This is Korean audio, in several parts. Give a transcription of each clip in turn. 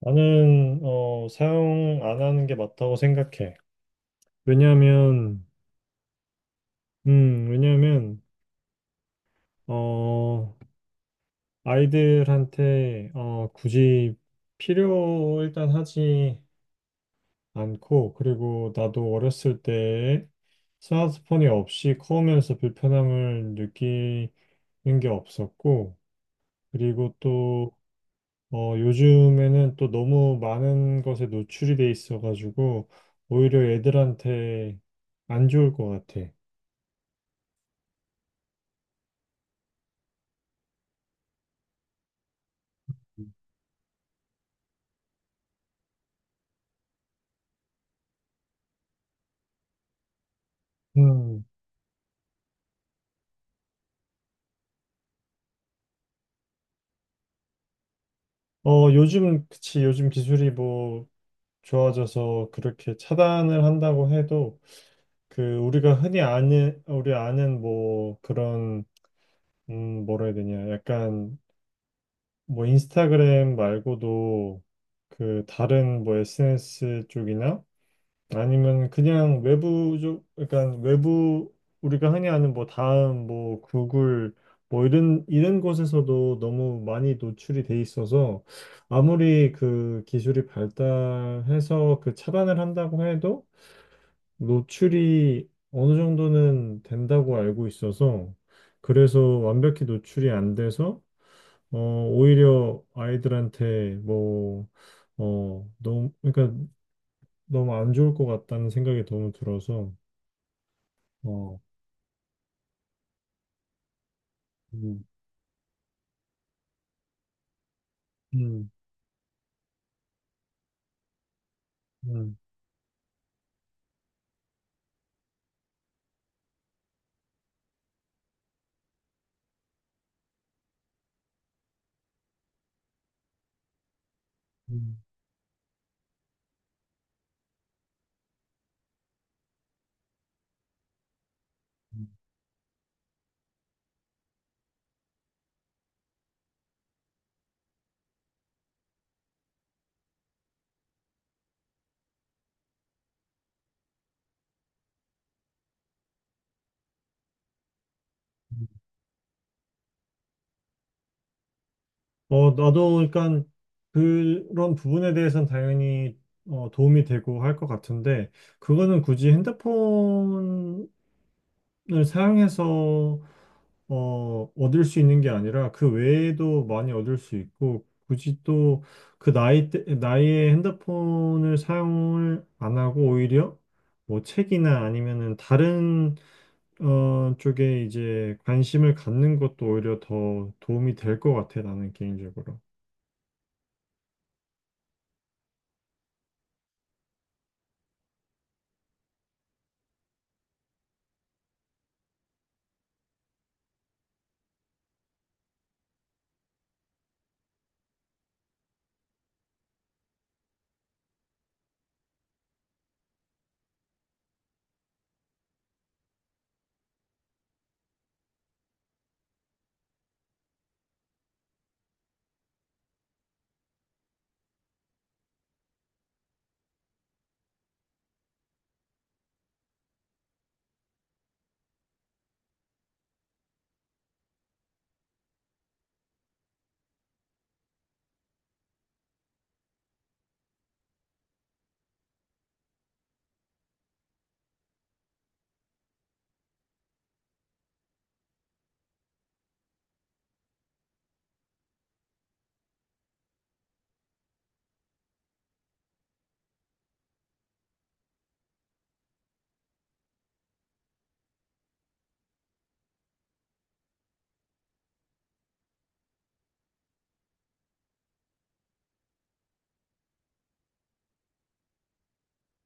나는 사용 안 하는 게 맞다고 생각해. 왜냐하면, 왜냐하면 어, 아이들한테 굳이 필요 일단 하지 않고, 그리고 나도 어렸을 때 스마트폰이 없이 커오면서 불편함을 느끼는 게 없었고, 그리고 요즘에는 또 너무 많은 것에 노출이 돼 있어가지고 오히려 애들한테 안 좋을 것 같아. 음. 요즘, 그치, 요즘 기술이 뭐 좋아져서 그렇게 차단을 한다고 해도 그 우리가 흔히 아는, 우리 아는 뭐 그런, 뭐라 해야 되냐. 약간 뭐 인스타그램 말고도 그 다른 뭐 SNS 쪽이나 아니면 그냥 외부적, 그러니까 외부 우리가 흔히 아는 뭐 다음, 뭐 구글, 뭐 이런 곳에서도 너무 많이 노출이 돼 있어서 아무리 그 기술이 발달해서 그 차단을 한다고 해도 노출이 어느 정도는 된다고 알고 있어서 그래서 완벽히 노출이 안 돼서 오히려 아이들한테 뭐 너무 그러니까 너무 안 좋을 것 같다는 생각이 너무 들어서 어, 음, 음, 음, 음, 음. 나도 그러니까 그런 부분에 대해서는 당연히 도움이 되고 할 것 같은데 그거는 굳이 핸드폰을 사용해서 얻을 수 있는 게 아니라 그 외에도 많이 얻을 수 있고 굳이 또 그 나이 때 나이에 핸드폰을 사용을 안 하고 오히려 뭐 책이나 아니면은 다른 쪽에 이제 관심을 갖는 것도 오히려 더 도움이 될 것 같아, 나는 개인적으로.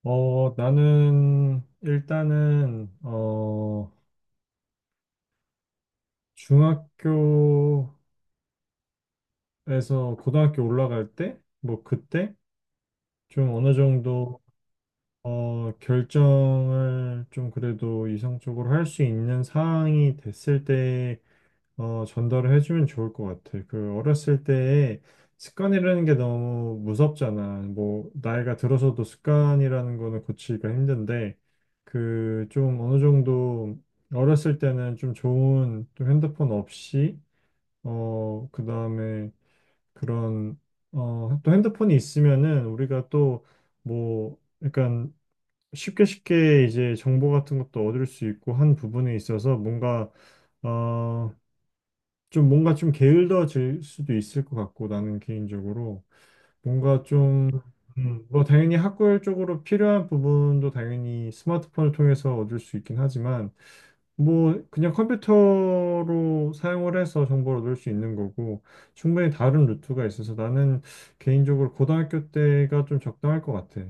나는 일단은, 중학교에서 고등학교 올라갈 때, 뭐 그때 좀 어느 정도, 결정을 좀 그래도 이성적으로 할 수 있는 상황이 됐을 때 전달을 해주면 좋을 것 같아. 그 어렸을 때에 습관이라는 게 너무 무섭잖아. 뭐 나이가 들어서도 습관이라는 거는 고치기가 힘든데 그 좀 어느 정도 어렸을 때는 좀 좋은 또 핸드폰 없이 그다음에 그런 또 핸드폰이 있으면은 우리가 또 뭐 약간 쉽게 이제 정보 같은 것도 얻을 수 있고 한 부분에 있어서 뭔가 어, 좀 뭔가 좀 게을러질 수도 있을 것 같고 나는 개인적으로 뭔가 좀 뭐 당연히 학구열적으로 필요한 부분도 당연히 스마트폰을 통해서 얻을 수 있긴 하지만 뭐 그냥 컴퓨터로 사용을 해서 정보를 얻을 수 있는 거고 충분히 다른 루트가 있어서 나는 개인적으로 고등학교 때가 좀 적당할 것 같아.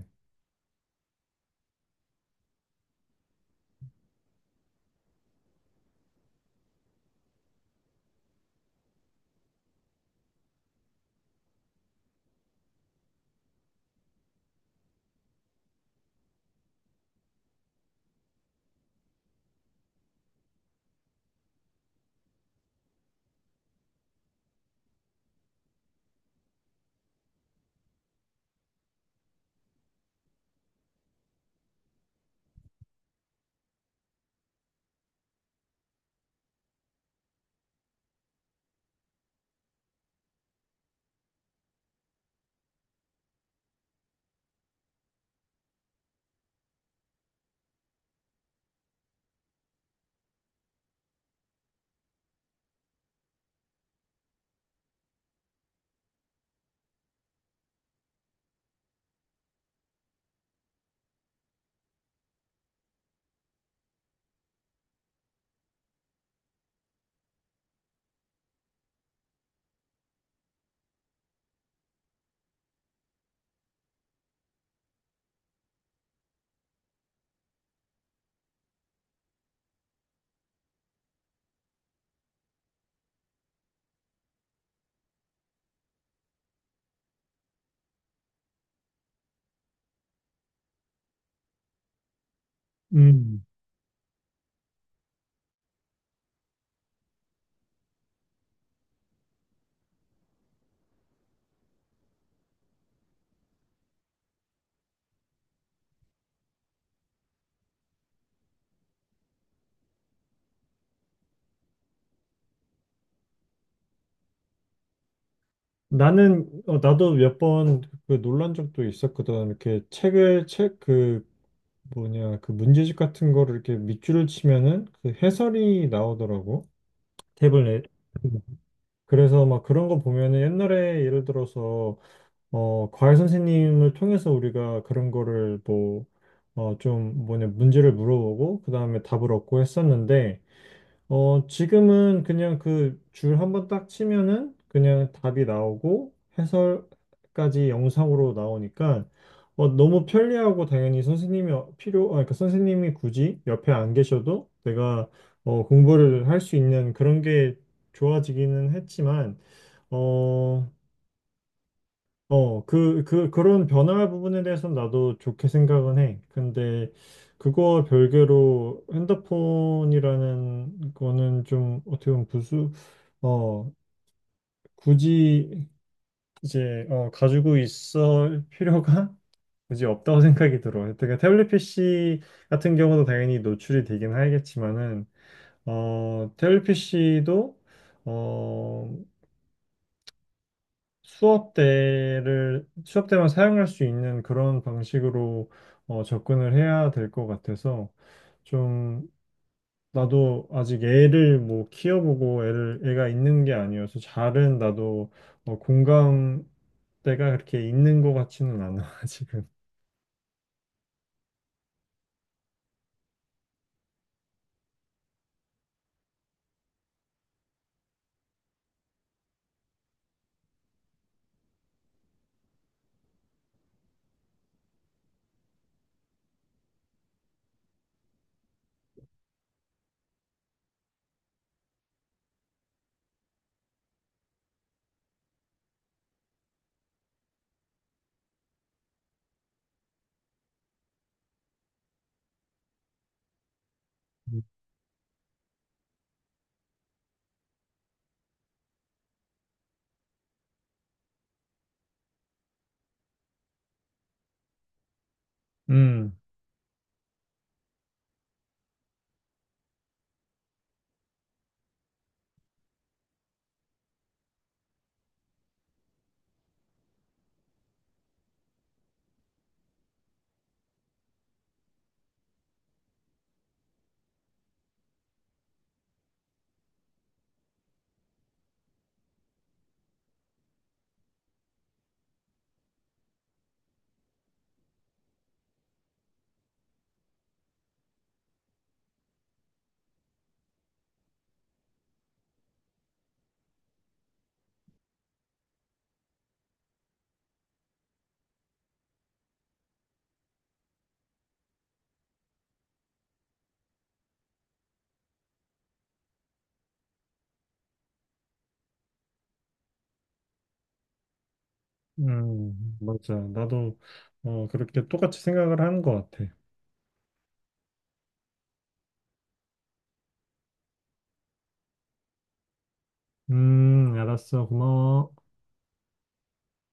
음. 나는 나도 몇 번 그 놀란 적도 있었거든. 이렇게 책을 책그 뭐냐 그 문제집 같은 거를 이렇게 밑줄을 치면은 그 해설이 나오더라고 탭을 내. 그래서 막 그런 거 보면은 옛날에 예를 들어서 과외 선생님을 통해서 우리가 그런 거를 뭐 좀 뭐냐 문제를 물어보고 그 다음에 답을 얻고 했었는데 지금은 그냥 그 줄 한번 딱 치면은 그냥 답이 나오고 해설까지 영상으로 나오니까 너무 편리하고 당연히 선생님이 어- 필요, 아, 그러니까 선생님이 굳이 옆에 안 계셔도 내가 공부를 할 수 있는 그런 게 좋아지기는 했지만, 어, 그런 변화 부분에 대해서는 나도 좋게 생각은 해. 근데 그거 별개로 핸드폰이라는 거는 좀 어떻게 보면 어, 굳이 이제, 가지고 있을 필요가 굳이 없다고 생각이 들어. 그러니까 태블릿 PC 같은 경우도 당연히 노출이 되긴 하겠지만은, 태블릿 PC도 수업 때만 사용할 수 있는 그런 방식으로 접근을 해야 될 것 같아서 좀 나도 아직 애를 뭐 키워보고 애를 애가 있는 게 아니어서 잘은 나도 공감대가 그렇게 있는 것 같지는 않아 지금. 음, 맞아. 나도 그렇게 똑같이 생각을 하는 것 같아. 알았어. 고마워.